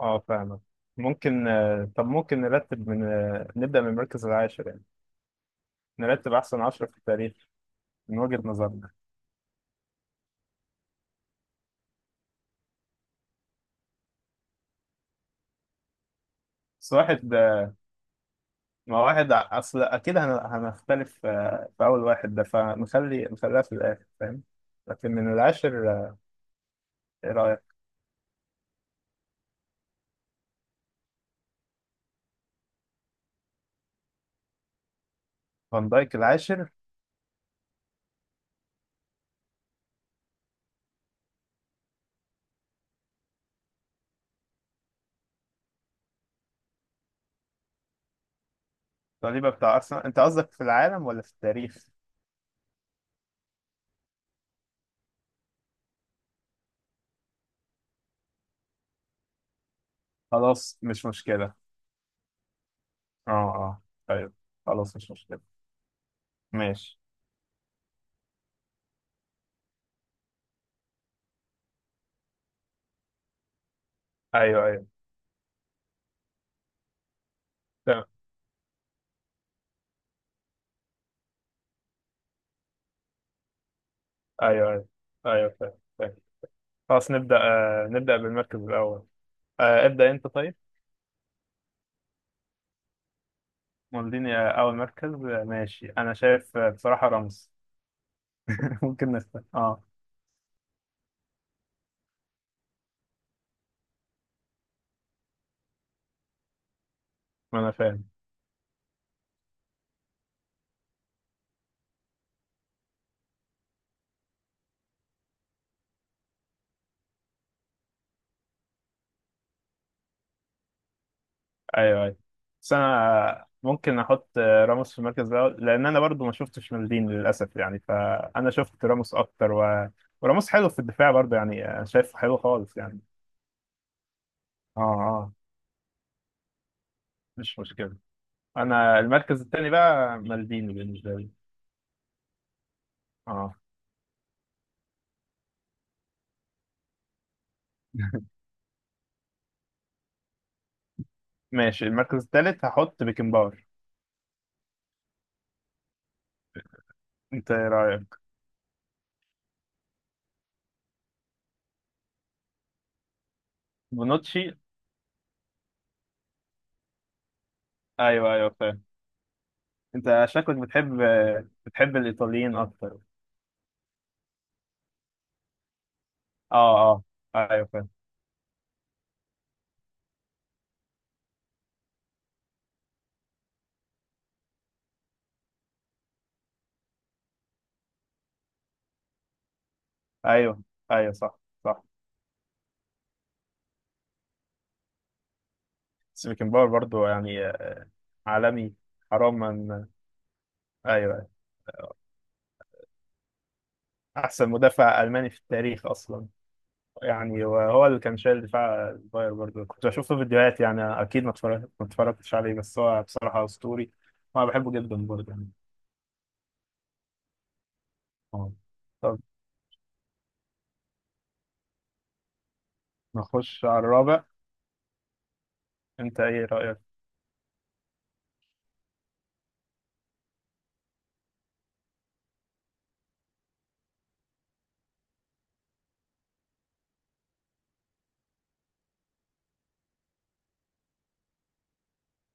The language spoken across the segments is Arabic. اه، فاهمك. ممكن طب ممكن نرتب من آه، نبدأ من المركز العاشر يعني، نرتب أحسن عشرة في التاريخ من وجهة نظرنا. بس واحد ما واحد أصل أكيد هنختلف في أول واحد ده، فنخلي نخليها في الآخر فاهم. لكن من العاشر إيه رأيك؟ فان دايك العاشر؟ صليبة بتاع أرسنال؟ أنت قصدك في العالم ولا في التاريخ؟ خلاص مش مشكلة. اه، اه، أيوه. خلاص مش مشكلة. ماشي. أيوه أيوه. تمام. أيوه أيوه. أيوه فاهم. خلاص نبدأ بالمركز الأول. ابدأ أنت طيب. مولديني أول مركز ماشي. أنا شايف بصراحة رمز. ممكن نفتح. ما أنا فاهم. أيوه أيوه. بس أنا ممكن أحط راموس في المركز الأول، لأن أنا برضو ما شفتش مولديني للأسف يعني، فأنا شفت راموس أكتر، و وراموس حلو في الدفاع برضو يعني شايفه حلو خالص يعني. أه أه مش مشكلة. أنا المركز التاني بقى مالديني بالنسبة لي. أه. ماشي المركز التالت هحط بيكنباور. انت ايه رايك؟ بونوتشي؟ ايوه ايوه فاهم. انت شكلك بتحب الايطاليين اكتر. اه اه. ايوه فاهم. ايوه ايوه صح صح. سيبيكن باور برضو يعني عالمي. حرام من ايوه. أيوة. احسن مدافع الماني في التاريخ اصلا يعني، وهو اللي كان شايل دفاع الباير برضو، كنت بشوف له فيديوهات يعني، اكيد ما اتفرجتش عليه، بس هو بصراحه اسطوري، وانا بحبه جدا برضو يعني. اه طب نخش على الرابع. انت ايه رايك؟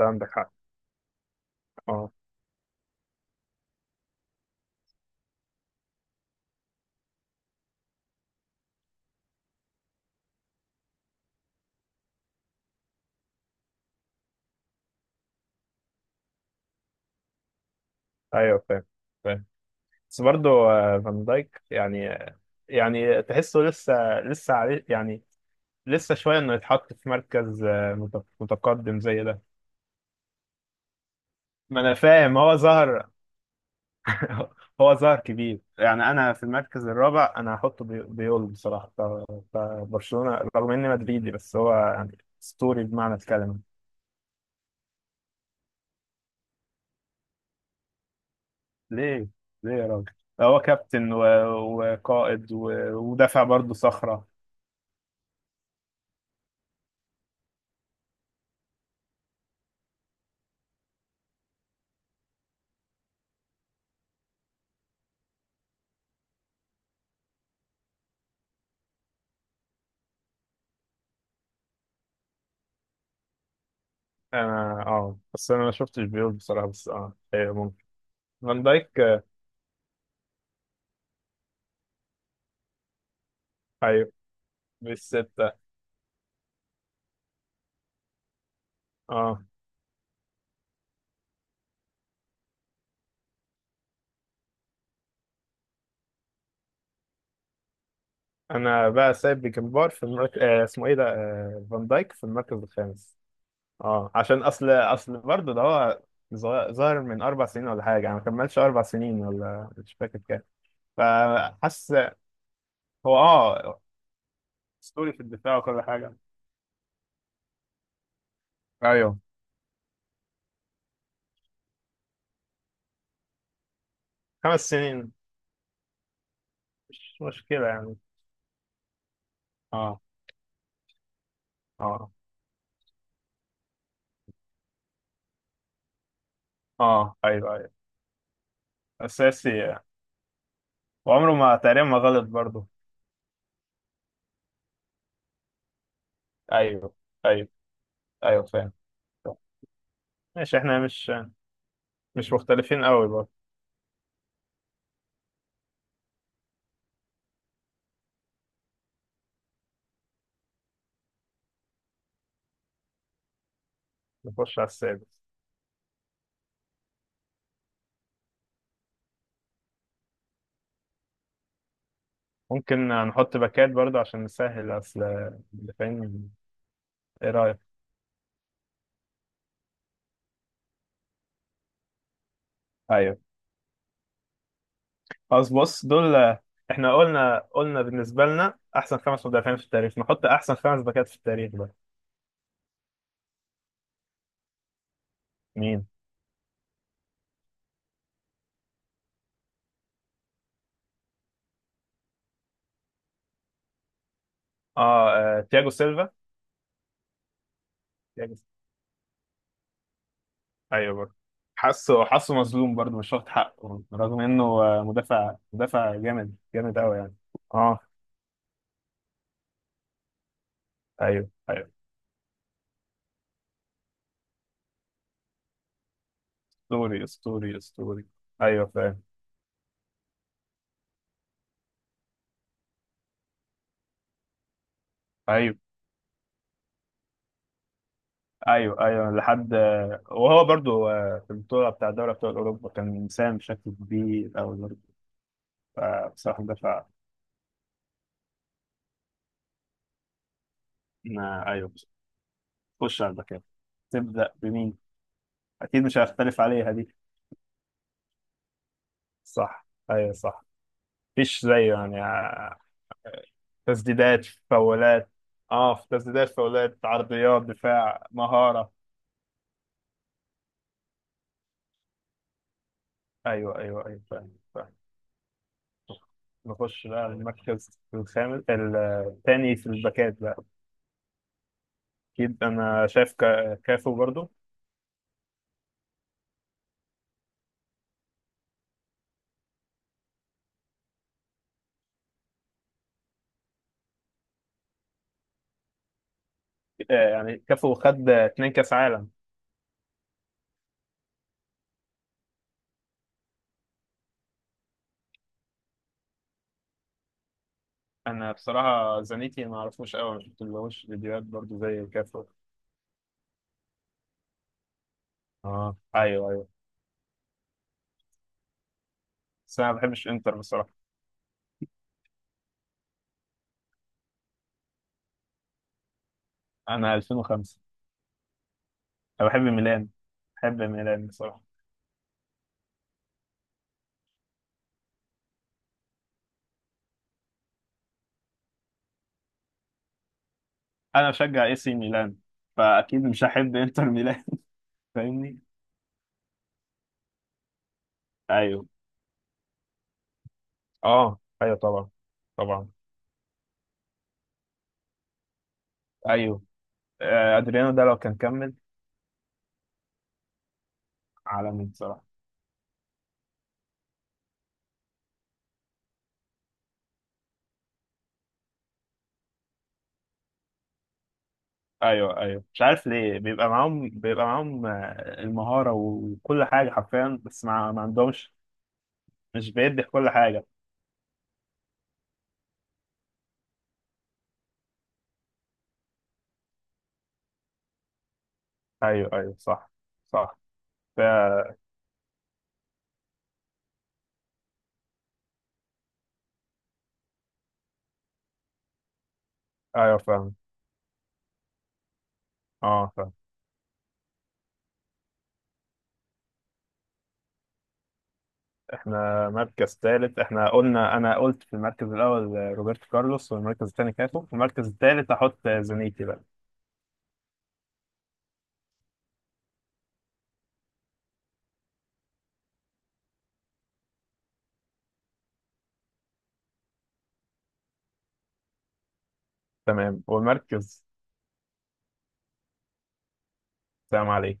انت عندك حق. اه ايوه فاهم فاهم. بس برضه فان دايك يعني يعني تحسه لسه عليه يعني، لسه شويه انه يتحط في مركز متقدم زي ده. ما انا فاهم. هو ظهر. هو ظهر كبير يعني. انا في المركز الرابع انا هحطه بيول بصراحه، فبرشلونه رغم اني مدريدي بس هو يعني اسطوري بمعنى الكلمه. ليه؟ ليه يا راجل؟ هو كابتن وقائد ودافع برضه صخره. انا اه بس انا ما شفتش بيول بصراحه، بس اه هي ممكن فان دايك ايوه بالستة. اه. انا بقى سايب بيكمبار في المركز اسمه ايه ده فان دايك في المركز الخامس. اه عشان اصل برضه ده هو ظاهر من اربع سنين ولا حاجه، انا ما كملش اربع سنين ولا مش فاكر كام، فحاسس هو اه اسطوري في الدفاع وكل حاجه. ايوه خمس سنين. مش مشكله يعني. اه اه اه. ايوه ايوه اساسي يعني. وعمره ما تقريبا ما غلط برضه. ايوه ايوه ايوه فاهم. طب، ماشي. احنا مش مختلفين قوي برضه. نخش على السادس. ممكن نحط باكات برضه عشان نسهل اصل اللي فاهم. ايه رايك؟ ايوه. خلاص بص دول، احنا قلنا بالنسبه لنا احسن خمس مدافعين في التاريخ، نحط احسن خمس باكات في التاريخ بقى. مين؟ اه, آه تياجو سيلفا. تياجو سيلفا. ايوه برضه. حاسه مظلوم برضه، مش واخد حقه، رغم انه مدافع جامد جامد قوي يعني. اه ايوه ايوه. اسطوري اسطوري اسطوري. ايوه فاهم. ايوه ايوه ايوه لحد. وهو برضو في البطوله بتاع دوري ابطال اوروبا كان مساهم بشكل كبير قوي برضه، فبصراحه دفع. ايوه خش على الباكات. تبدا بمين؟ اكيد مش هختلف عليها دي. صح ايوه صح. مفيش زيه يعني تسديدات فاولات. اه في تسديدات فاولات عرضيات دفاع مهاره. ايوه ايوه ايوه فاهم فاهم. نخش بقى المركز الخامس الثاني في الباكات بقى. اكيد انا شايف كافو برضو يعني كافو خد اتنين كاس عالم. انا بصراحه زانيتي ما اعرفوش قوي، ما شفتلهوش فيديوهات برضو زي كافو. اه ايوه ايوه. بس انا ما بحبش انتر بصراحه. انا 2005. انا بحب ميلان. بحب ميلان بصراحه. انا بشجع اي سي ميلان، فاكيد مش هحب انتر ميلان. فاهمني. ايوه. اه ايوه طبعا. طبعا ايوه ادريانو ده لو كان كمل عالمي بصراحة. ايوه ايوه. مش عارف ليه بيبقى معاهم المهارة وكل حاجة حرفيا، بس ما عندهمش مش بيدي في كل حاجة. ايوه ايوه صح صح. ف... ايوه فاهم. اه فاهم. احنا مركز ثالث، احنا قلنا، انا قلت في المركز الاول روبرتو كارلوس، والمركز الثاني كاتو، والمركز الثالث هحط زانيتي بقى. تمام والمركز. سلام عليك.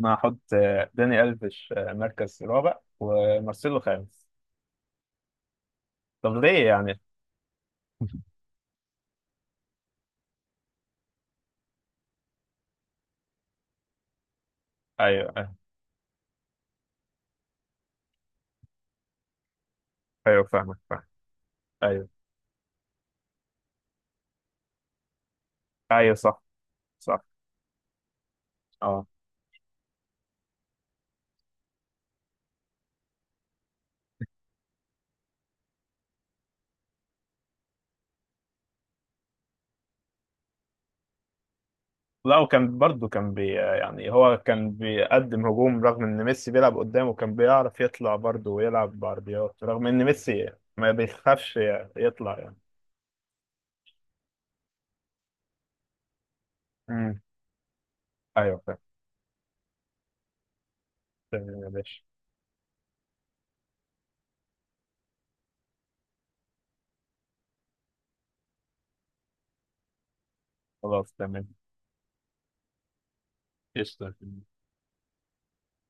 انا هحط داني الفيش مركز رابع ومارسيلو خامس. طب ليه يعني؟ ايوه ايوه فاهمك فاهم. ايوه ايوه صح صح. اه لا وكان برضه كان يعني هو كان بيقدم هجوم رغم ان ميسي بيلعب قدامه، كان بيعرف يطلع برضه ويلعب بعرضيات رغم ان ميسي ما بيخافش يطلع يعني. امم ايوه فاهم. تمام يا باشا. خلاص تمام. قشطة.